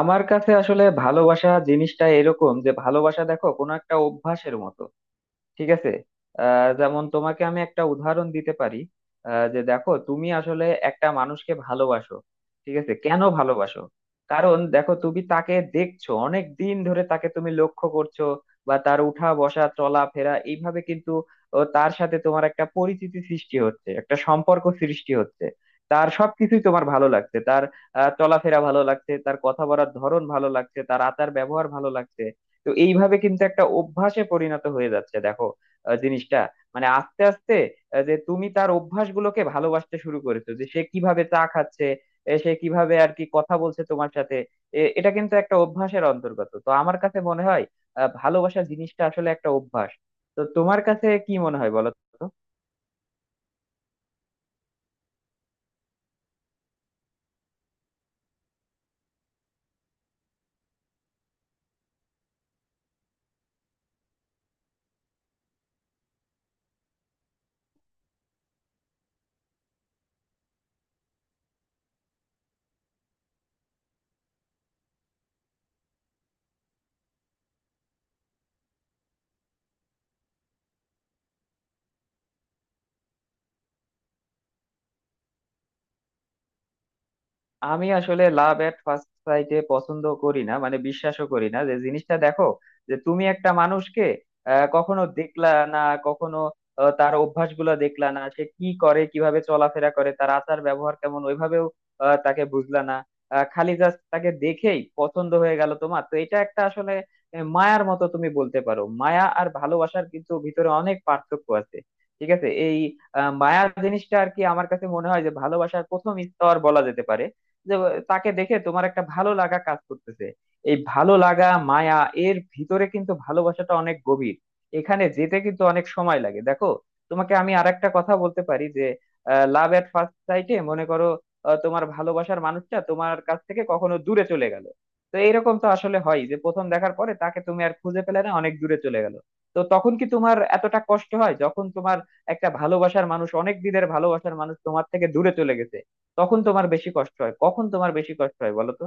আমার কাছে আসলে ভালোবাসা জিনিসটা এরকম যে ভালোবাসা দেখো কোনো একটা অভ্যাসের মতো। ঠিক আছে। যেমন তোমাকে আমি একটা উদাহরণ দিতে পারি। যে দেখো তুমি আসলে একটা মানুষকে ভালোবাসো। ঠিক আছে, কেন ভালোবাসো? কারণ দেখো তুমি তাকে দেখছো অনেক দিন ধরে, তাকে তুমি লক্ষ্য করছো, বা তার উঠা বসা চলাফেরা এইভাবে কিন্তু তার সাথে তোমার একটা পরিচিতি সৃষ্টি হচ্ছে, একটা সম্পর্ক সৃষ্টি হচ্ছে। তার সবকিছুই তোমার ভালো লাগছে, তার চলাফেরা ভালো লাগছে, তার কথা বলার ধরন ভালো লাগছে, তার আচার ব্যবহার ভালো লাগছে। তো এইভাবে কিন্তু একটা অভ্যাসে পরিণত হয়ে যাচ্ছে দেখো জিনিসটা, মানে আস্তে আস্তে যে তুমি তার অভ্যাসগুলোকে ভালোবাসতে শুরু করেছো, যে সে কিভাবে চা খাচ্ছে, সে কিভাবে আর কি কথা বলছে তোমার সাথে। এটা কিন্তু একটা অভ্যাসের অন্তর্গত। তো আমার কাছে মনে হয় ভালোবাসা জিনিসটা আসলে একটা অভ্যাস। তো তোমার কাছে কি মনে হয় বলো তো। আমি আসলে লাভ এট ফার্স্ট সাইটে পছন্দ করি না, মানে বিশ্বাসও করি না যে, জিনিসটা দেখো যে তুমি একটা মানুষকে কখনো দেখলা না, কখনো তার অভ্যাসগুলো দেখলা না, সে কি করে, কিভাবে চলাফেরা করে, তার আচার ব্যবহার কেমন ওইভাবেও তাকে বুঝলা না, খালি জাস্ট তাকে দেখেই পছন্দ হয়ে গেল তোমার। তো এটা একটা আসলে মায়ার মতো তুমি বলতে পারো। মায়া আর ভালোবাসার কিন্তু ভিতরে অনেক পার্থক্য আছে। ঠিক আছে। এই মায়া জিনিসটা আর কি, আমার কাছে মনে হয় যে ভালোবাসার প্রথম স্তর বলা যেতে পারে। যে তাকে দেখে তোমার একটা ভালো লাগা কাজ করতেছে, এই ভালো লাগা মায়া। এর ভিতরে কিন্তু ভালোবাসাটা অনেক গভীর, এখানে যেতে কিন্তু অনেক সময় লাগে দেখো। তোমাকে আমি আরেকটা কথা বলতে পারি, যে লাভ এট ফার্স্ট সাইটে মনে করো তোমার ভালোবাসার মানুষটা তোমার কাছ থেকে কখনো দূরে চলে গেল। তো এরকম তো আসলে হয়, যে প্রথম দেখার পরে তাকে তুমি আর খুঁজে পেলে না, অনেক দূরে চলে গেল। তো তখন কি তোমার এতটা কষ্ট হয় যখন তোমার একটা ভালোবাসার মানুষ, অনেক দিনের ভালোবাসার মানুষ, তোমার থেকে দূরে চলে গেছে? তখন তোমার বেশি কষ্ট হয়, কখন তোমার বেশি কষ্ট হয় বলো তো।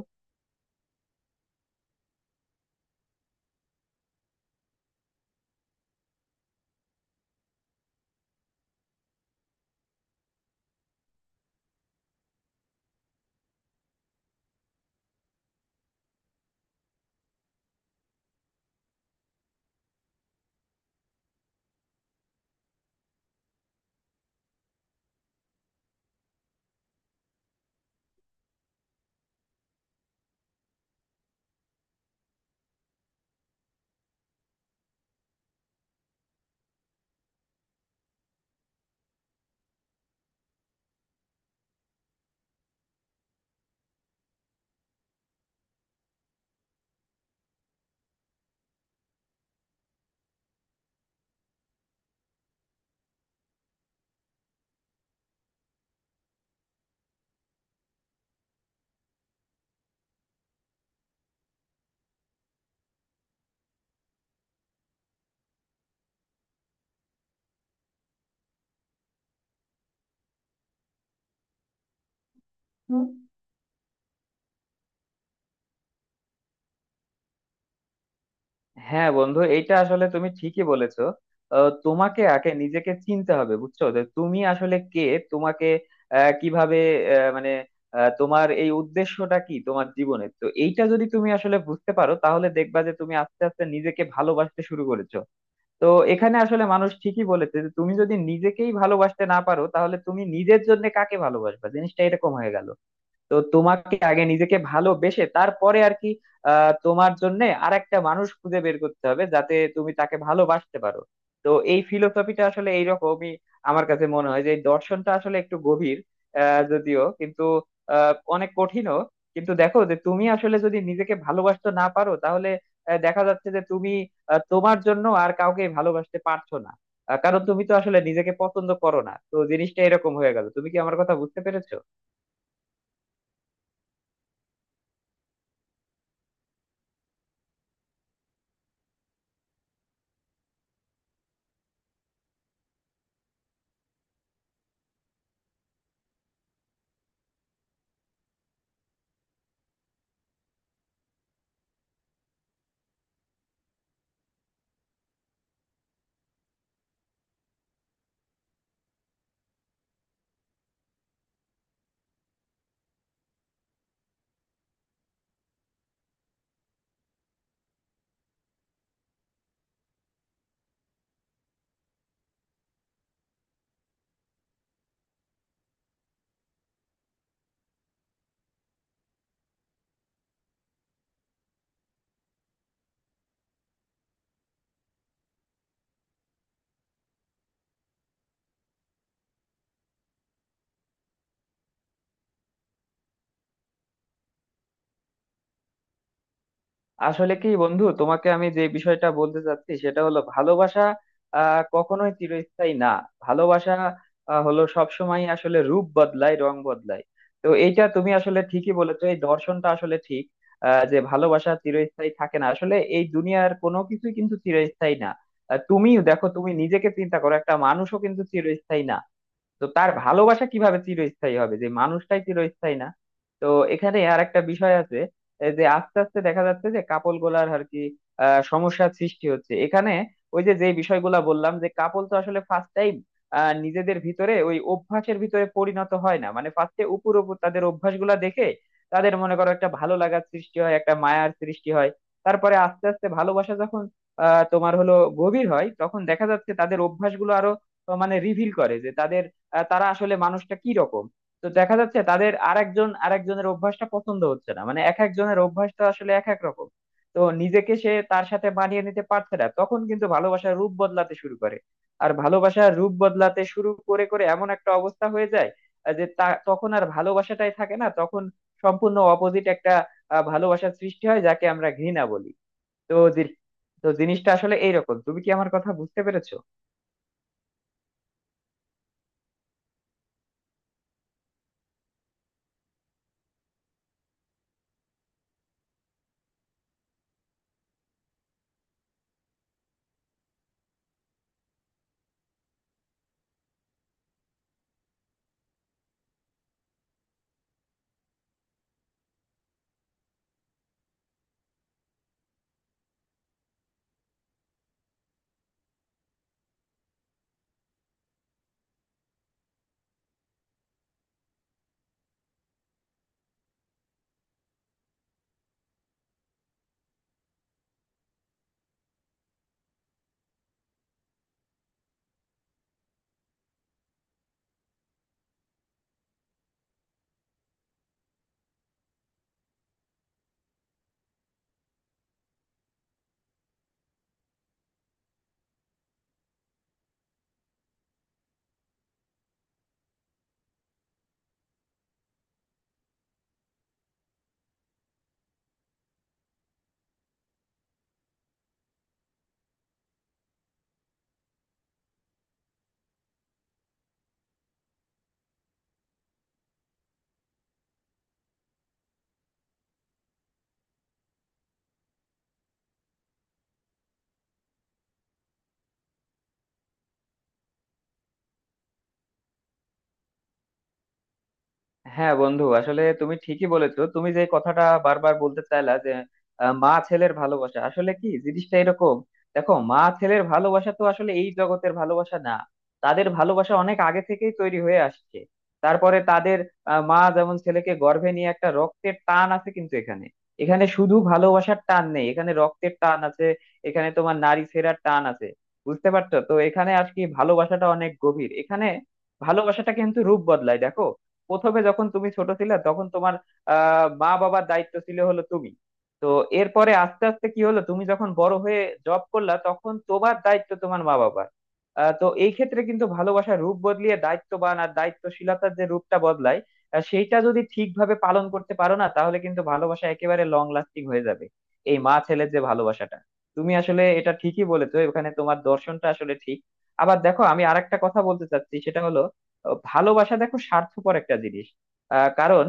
হুম। হ্যাঁ বন্ধু, এটা আসলে তুমি ঠিকই বলেছো। তোমাকে আগে নিজেকে চিনতে হবে, বুঝছো, যে তুমি আসলে কে। তোমাকে কিভাবে মানে তোমার এই উদ্দেশ্যটা কি তোমার জীবনের, তো এইটা যদি তুমি আসলে বুঝতে পারো তাহলে দেখবা যে তুমি আস্তে আস্তে নিজেকে ভালোবাসতে শুরু করেছো। তো এখানে আসলে মানুষ ঠিকই বলেছে, যে তুমি যদি নিজেকেই ভালোবাসতে না পারো তাহলে তুমি নিজের জন্য কাকে ভালোবাসবা, জিনিসটা এরকম হয়ে গেল। তো তোমাকে আগে নিজেকে ভালোবেসে তারপরে আর কি তোমার জন্য আর একটা মানুষ খুঁজে বের করতে হবে, যাতে তুমি তাকে ভালোবাসতে পারো। তো এই ফিলোসফিটা আসলে এইরকমই। আমার কাছে মনে হয় যে এই দর্শনটা আসলে একটু গভীর, যদিও কিন্তু অনেক কঠিনও। কিন্তু দেখো যে তুমি আসলে যদি নিজেকে ভালোবাসতে না পারো তাহলে দেখা যাচ্ছে যে তুমি তোমার জন্য আর কাউকে ভালোবাসতে পারছো না, কারণ তুমি তো আসলে নিজেকে পছন্দ করো না। তো জিনিসটা এরকম হয়ে গেল। তুমি কি আমার কথা বুঝতে পেরেছো? আসলে কি বন্ধু, তোমাকে আমি যে বিষয়টা বলতে চাচ্ছি সেটা হলো, ভালোবাসা কখনোই চিরস্থায়ী না। ভালোবাসা হলো সবসময় আসলে রূপ বদলায়, রং বদলায়। তো এইটা তুমি আসলে ঠিকই বলেছো, এই দর্শনটা আসলে ঠিক যে ভালোবাসা চিরস্থায়ী থাকে না। আসলে এই দুনিয়ার কোনো কিছুই কিন্তু চিরস্থায়ী না। তুমিও দেখো, তুমি নিজেকে চিন্তা করো, একটা মানুষও কিন্তু চিরস্থায়ী না। তো তার ভালোবাসা কিভাবে চিরস্থায়ী হবে, যে মানুষটাই চিরস্থায়ী না। তো এখানে আর একটা বিষয় আছে, এই যে আস্তে আস্তে দেখা যাচ্ছে যে কাপল গুলার আর কি সমস্যার সৃষ্টি হচ্ছে। এখানে ওই যে যে বিষয়গুলা বললাম যে, কাপল তো আসলে ফার্স্ট টাইম নিজেদের ভিতরে ওই অভ্যাসের ভিতরে পরিণত হয় না, মানে ফার্স্টে উপর উপর তাদের অভ্যাসগুলা দেখে তাদের মনে করো একটা ভালো লাগার সৃষ্টি হয়, একটা মায়ার সৃষ্টি হয়। তারপরে আস্তে আস্তে ভালোবাসা যখন আহ তোমার হলো গভীর হয়, তখন দেখা যাচ্ছে তাদের অভ্যাসগুলো আরো মানে রিভিল করে, যে তাদের তারা আসলে মানুষটা কি রকম। তো দেখা যাচ্ছে তাদের আরেকজন আরেকজনের অভ্যাসটা পছন্দ হচ্ছে না, মানে এক একজনের অভ্যাসটা আসলে এক এক রকম। তো নিজেকে সে তার সাথে মানিয়ে নিতে পারছে না, তখন কিন্তু ভালোবাসার রূপ বদলাতে শুরু করে। আর ভালোবাসার রূপ বদলাতে শুরু করে করে এমন একটা অবস্থা হয়ে যায় যে তা তখন আর ভালোবাসাটাই থাকে না। তখন সম্পূর্ণ অপোজিট একটা ভালোবাসার সৃষ্টি হয়, যাকে আমরা ঘৃণা বলি। তো জি- তো জিনিসটা আসলে এইরকম। তুমি কি আমার কথা বুঝতে পেরেছো? হ্যাঁ বন্ধু, আসলে তুমি ঠিকই বলেছো। তুমি যে কথাটা বারবার বলতে চাইলা, যে মা ছেলের ভালোবাসা আসলে কি, জিনিসটা এরকম। দেখো মা ছেলের ভালোবাসা তো আসলে এই জগতের ভালোবাসা না, তাদের ভালোবাসা অনেক আগে থেকেই তৈরি হয়ে আসছে। তারপরে তাদের মা যেমন ছেলেকে গর্ভে নিয়ে একটা রক্তের টান আছে কিন্তু এখানে, এখানে শুধু ভালোবাসার টান নেই, এখানে রক্তের টান আছে, এখানে তোমার নারী ছেঁড়ার টান আছে। বুঝতে পারছো তো? এখানে আর কি ভালোবাসাটা অনেক গভীর। এখানে ভালোবাসাটা কিন্তু রূপ বদলায় দেখো। প্রথমে যখন তুমি ছোট ছিলে তখন তোমার মা বাবার দায়িত্ব ছিল হলো তুমি। তো এরপরে আস্তে আস্তে কি হলো, তুমি যখন বড় হয়ে জব করলা তখন তোমার দায়িত্ব তোমার মা বাবার। তো এই ক্ষেত্রে কিন্তু ভালোবাসার রূপ বদলিয়ে দায়িত্ববান আর দায়িত্বশীলতার যে রূপটা বদলায়, সেইটা যদি ঠিকভাবে পালন করতে পারো না, তাহলে কিন্তু ভালোবাসা একেবারে লং লাস্টিং হয়ে যাবে, এই মা ছেলের যে ভালোবাসাটা। তুমি আসলে এটা ঠিকই বলেছো, এখানে তোমার দর্শনটা আসলে ঠিক। আবার দেখো, আমি আরেকটা কথা বলতে চাচ্ছি, সেটা হলো ভালোবাসা দেখো স্বার্থপর একটা জিনিস। কারণ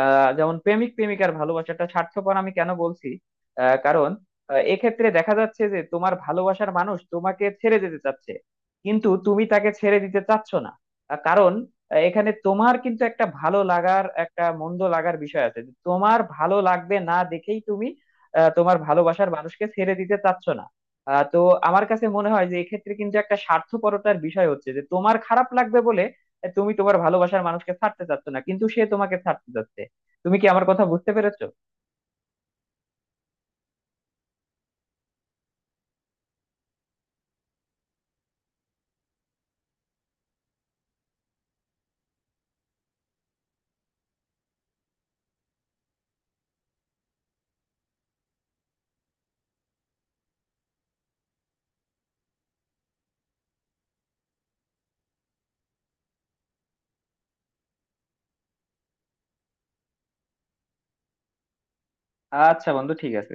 যেমন প্রেমিক প্রেমিকার ভালোবাসাটা স্বার্থপর, আমি কেন বলছি কারণ এক্ষেত্রে দেখা যাচ্ছে যে তোমার ভালোবাসার মানুষ তোমাকে ছেড়ে যেতে চাচ্ছে কিন্তু তুমি তাকে ছেড়ে দিতে চাচ্ছ না, কারণ এখানে তোমার কিন্তু একটা ভালো লাগার একটা মন্দ লাগার বিষয় আছে, যে তোমার ভালো লাগবে না দেখেই তুমি তোমার ভালোবাসার মানুষকে ছেড়ে দিতে চাচ্ছ না। তো আমার কাছে মনে হয় যে এক্ষেত্রে কিন্তু একটা স্বার্থপরতার বিষয় হচ্ছে, যে তোমার খারাপ লাগবে বলে তুমি তোমার ভালোবাসার মানুষকে ছাড়তে চাচ্ছ না, কিন্তু সে তোমাকে ছাড়তে চাচ্ছে। তুমি কি আমার কথা বুঝতে পেরেছো? আচ্ছা বন্ধু, ঠিক আছে।